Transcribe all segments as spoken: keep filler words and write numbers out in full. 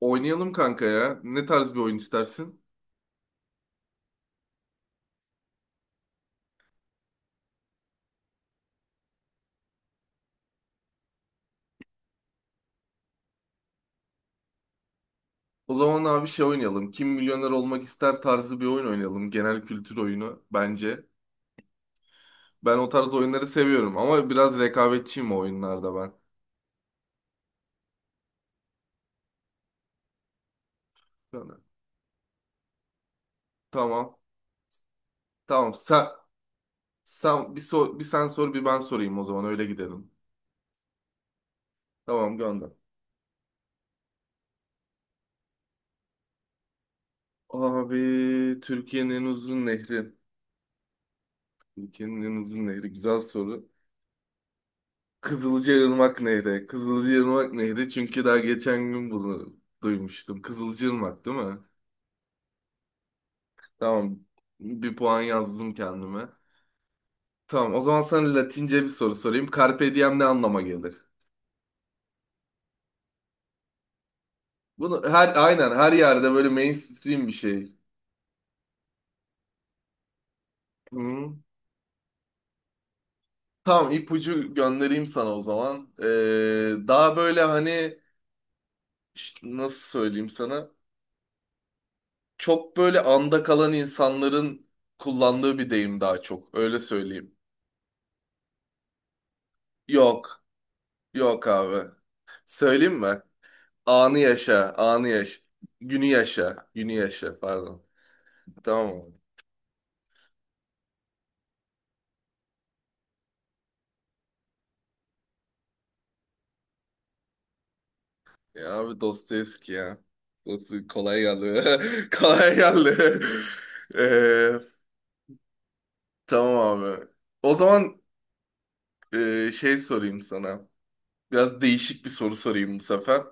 Oynayalım kanka ya. Ne tarz bir oyun istersin? O zaman abi şey oynayalım. Kim milyoner olmak ister tarzı bir oyun oynayalım. Genel kültür oyunu bence. Ben o tarz oyunları seviyorum ama biraz rekabetçiyim o oyunlarda ben. Yani, tamam. Tamam. Sen, sen bir, so- bir sen sor bir ben sorayım o zaman öyle gidelim. Tamam, gönder. Abi Türkiye'nin en uzun nehri. Türkiye'nin en uzun nehri. Güzel soru. Kızılcaırmak Nehri. Kızılcaırmak Nehri çünkü daha geçen gün bunu duymuştum. Kızılcaırmak değil mi? Tamam. Bir puan yazdım kendime. Tamam, o zaman sana Latince bir soru sorayım. Carpe diem ne anlama gelir? Bunu her aynen her yerde böyle mainstream bir şey. Hı. Tamam, ipucu göndereyim sana o zaman. Ee, daha böyle hani ş- nasıl söyleyeyim sana? Çok böyle anda kalan insanların kullandığı bir deyim daha çok. Öyle söyleyeyim. Yok. Yok abi. Söyleyeyim mi? Anı yaşa, anı yaşa. Günü yaşa, günü yaşa pardon. Tamam abi. Ya abi Dostoyevski ya. Dostoy- Kolay geldi. Kolay geldi. Ee, tamam abi. O zaman e, şey sorayım sana. Biraz değişik bir soru sorayım bu sefer.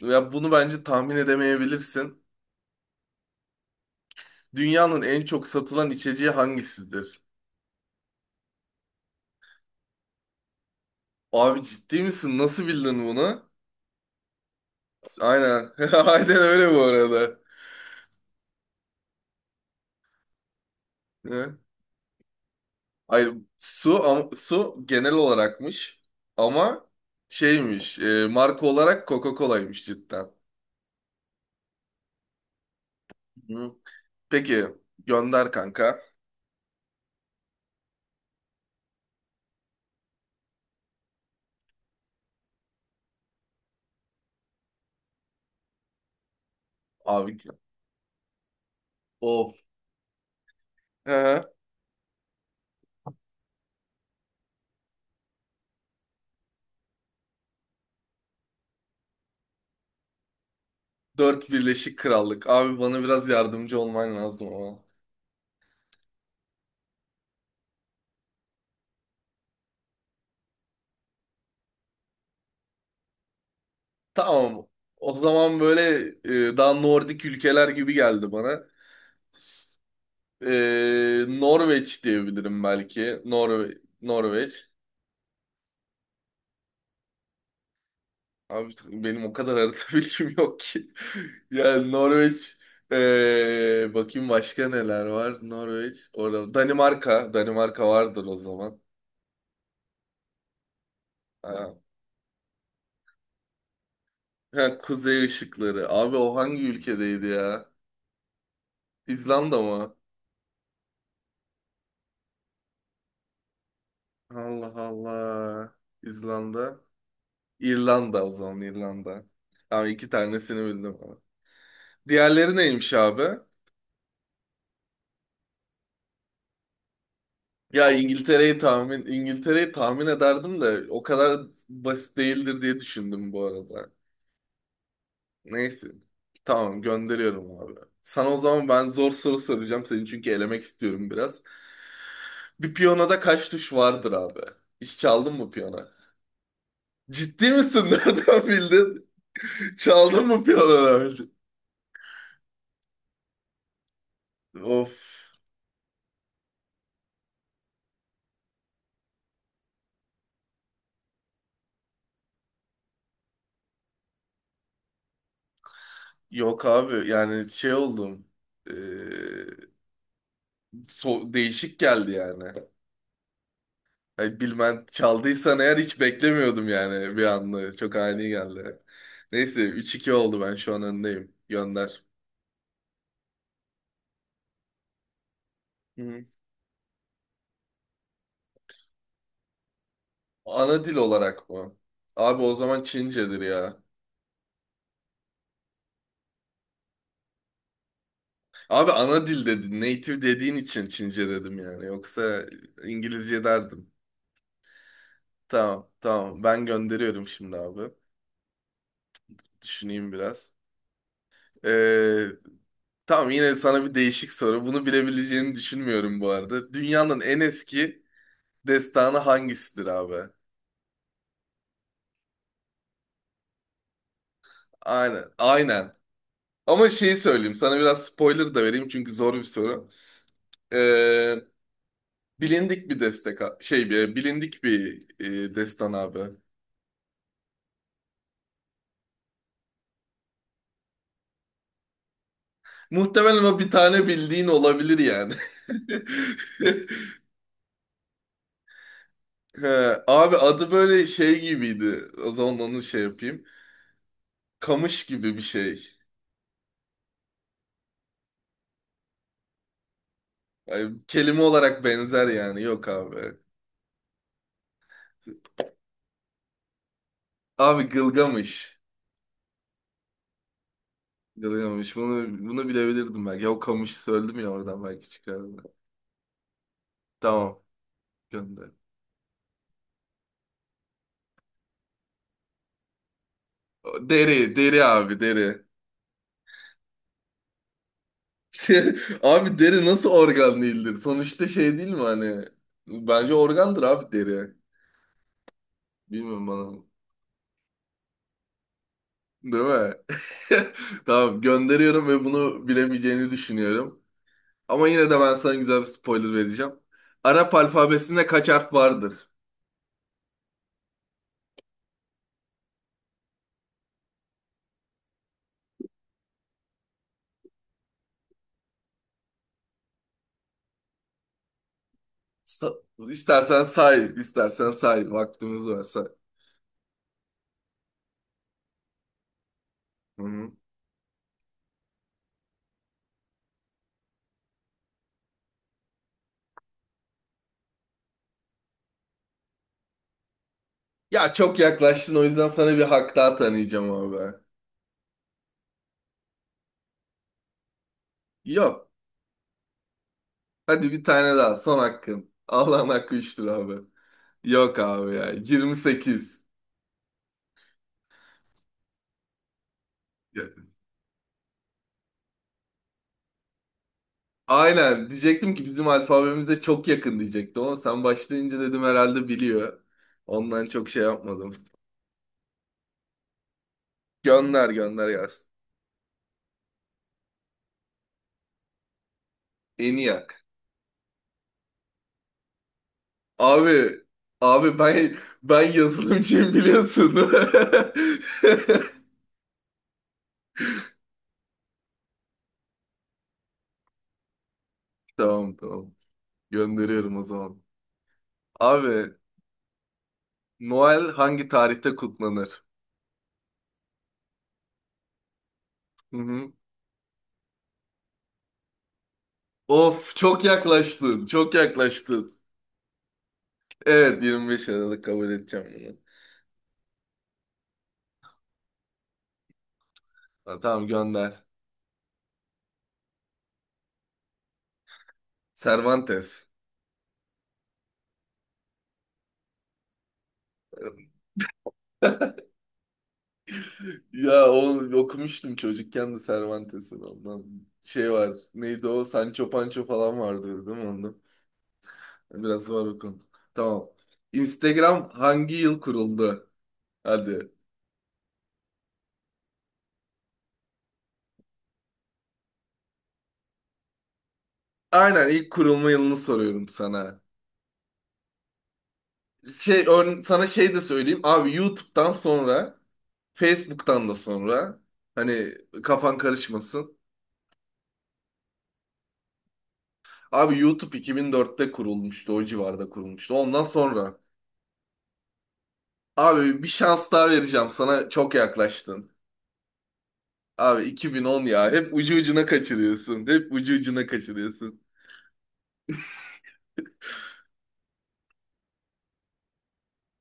Ya bunu bence tahmin edemeyebilirsin. Dünyanın en çok satılan içeceği hangisidir? Abi ciddi misin? Nasıl bildin bunu? Aynen. Aynen öyle bu arada. Ne? Hayır, su am- su genel olarakmış ama şeymiş, e, marka olarak Coca-Cola'ymış cidden. Hı. Peki, gönder kanka. Abi of. He. Dört Birleşik Krallık. Abi bana biraz yardımcı olman lazım ama. Tamam. O zaman böyle, e, daha Nordik ülkeler gibi geldi bana. E, Norveç diyebilirim belki. Norve Norveç. Abi benim o kadar harita bilgim yok ki. Yani Norveç, eee, bakayım başka neler var. Norveç orada. Danimarka. Danimarka vardır o zaman. Ha. Ha, Kuzey ışıkları. Abi o hangi ülkedeydi ya? İzlanda mı? Allah Allah. İzlanda. İrlanda, o zaman İrlanda. Abi iki tanesini bildim ama. Diğerleri neymiş abi? Ya İngiltere'yi tahmin İngiltere'yi tahmin ederdim de o kadar basit değildir diye düşündüm bu arada. Neyse. Tamam, gönderiyorum abi. Sana o zaman ben zor soru soracağım seni çünkü elemek istiyorum biraz. Bir piyonada kaç tuş vardır abi? Hiç çaldın mı piyona? Ciddi misin? Nereden bildin? Çaldın mı piyanoları? Of. Yok abi, yani şey oldum. Ee, so- Değişik geldi yani. Ay, bilmem çaldıysan eğer hiç beklemiyordum yani bir anda. Çok ani geldi. Neyse, üç iki oldu, ben şu an öndeyim. Gönder. Hı. Ana dil olarak mı? Abi o zaman Çincedir ya. Abi ana dil dedin. Native dediğin için Çince dedim yani. Yoksa İngilizce derdim. Tamam, tamam. Ben gönderiyorum şimdi abi. Düşüneyim biraz. Ee, tamam, yine sana bir değişik soru. Bunu bilebileceğini düşünmüyorum bu arada. Dünyanın en eski destanı hangisidir abi? Aynen. Aynen. Ama şeyi söyleyeyim. Sana biraz spoiler da vereyim çünkü zor bir soru. Ee, bilindik bir destek şey bir bilindik bir e, destan abi. Muhtemelen o bir tane bildiğin olabilir yani. He, abi adı böyle şey gibiydi. O zaman onu şey yapayım. Kamış gibi bir şey. Yani kelime olarak benzer yani. Yok abi. Abi Gılgamış. Gılgamış. Bunu, bunu bilebilirdim belki. Ya o kamışı söyledim ya oradan belki çıkardım. Tamam. Gönder. Deri, deri abi, deri. Abi deri nasıl organ değildir? Sonuçta şey değil mi hani? Bence organdır abi, deri. Bilmiyorum bana. Değil mi? Tamam, gönderiyorum ve bunu bilemeyeceğini düşünüyorum. Ama yine de ben sana güzel bir spoiler vereceğim. Arap alfabesinde kaç harf vardır? Sa- İstersen say, istersen say. Vaktimiz var, say. Hı hı. Ya çok yaklaştın, o yüzden sana bir hak daha tanıyacağım abi. Yok. Hadi bir tane daha. Son hakkın. Allah'ın hakkı üçtür abi. Yok abi ya. yirmi sekiz. Ya, aynen. Diyecektim ki bizim alfabemize çok yakın diyecektim ama sen başlayınca dedim herhalde biliyor. Ondan çok şey yapmadım. Gönder, gönder gelsin. ENİAK. Abi abi, ben ben yazılımcıyım biliyorsun. Tamam, tamam. Gönderiyorum o zaman. Abi Noel hangi tarihte kutlanır? Hı hı. Of, çok yaklaştın. Çok yaklaştın. Evet, 25 Aralık kabul edeceğim bunu. Ha, tamam, gönder. Cervantes. Ya, o okumuştum çocukken de Cervantes'in ondan. Şey var. Neydi o? Sancho Pancho falan vardı değil mi onda? Biraz var o konu. Tamam. Instagram hangi yıl kuruldu? Hadi. Aynen, ilk kurulma yılını soruyorum sana. Şey, ör- sana şey de söyleyeyim. Abi YouTube'dan sonra, Facebook'tan da sonra, hani kafan karışmasın. Abi YouTube iki bin dörtte kurulmuştu. O civarda kurulmuştu. Ondan sonra, abi bir şans daha vereceğim sana. Çok yaklaştın. Abi iki bin on ya. Hep ucu ucuna kaçırıyorsun. Hep ucu ucuna kaçırıyorsun.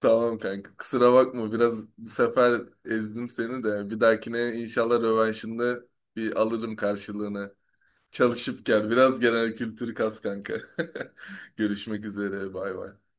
Tamam kanka. Kusura bakma. Biraz bu sefer ezdim seni de. Bir dahakine inşallah rövanşında bir alırım karşılığını. Çalışıp gel. Biraz genel kültür kas kanka. Görüşmek üzere. Bay bay.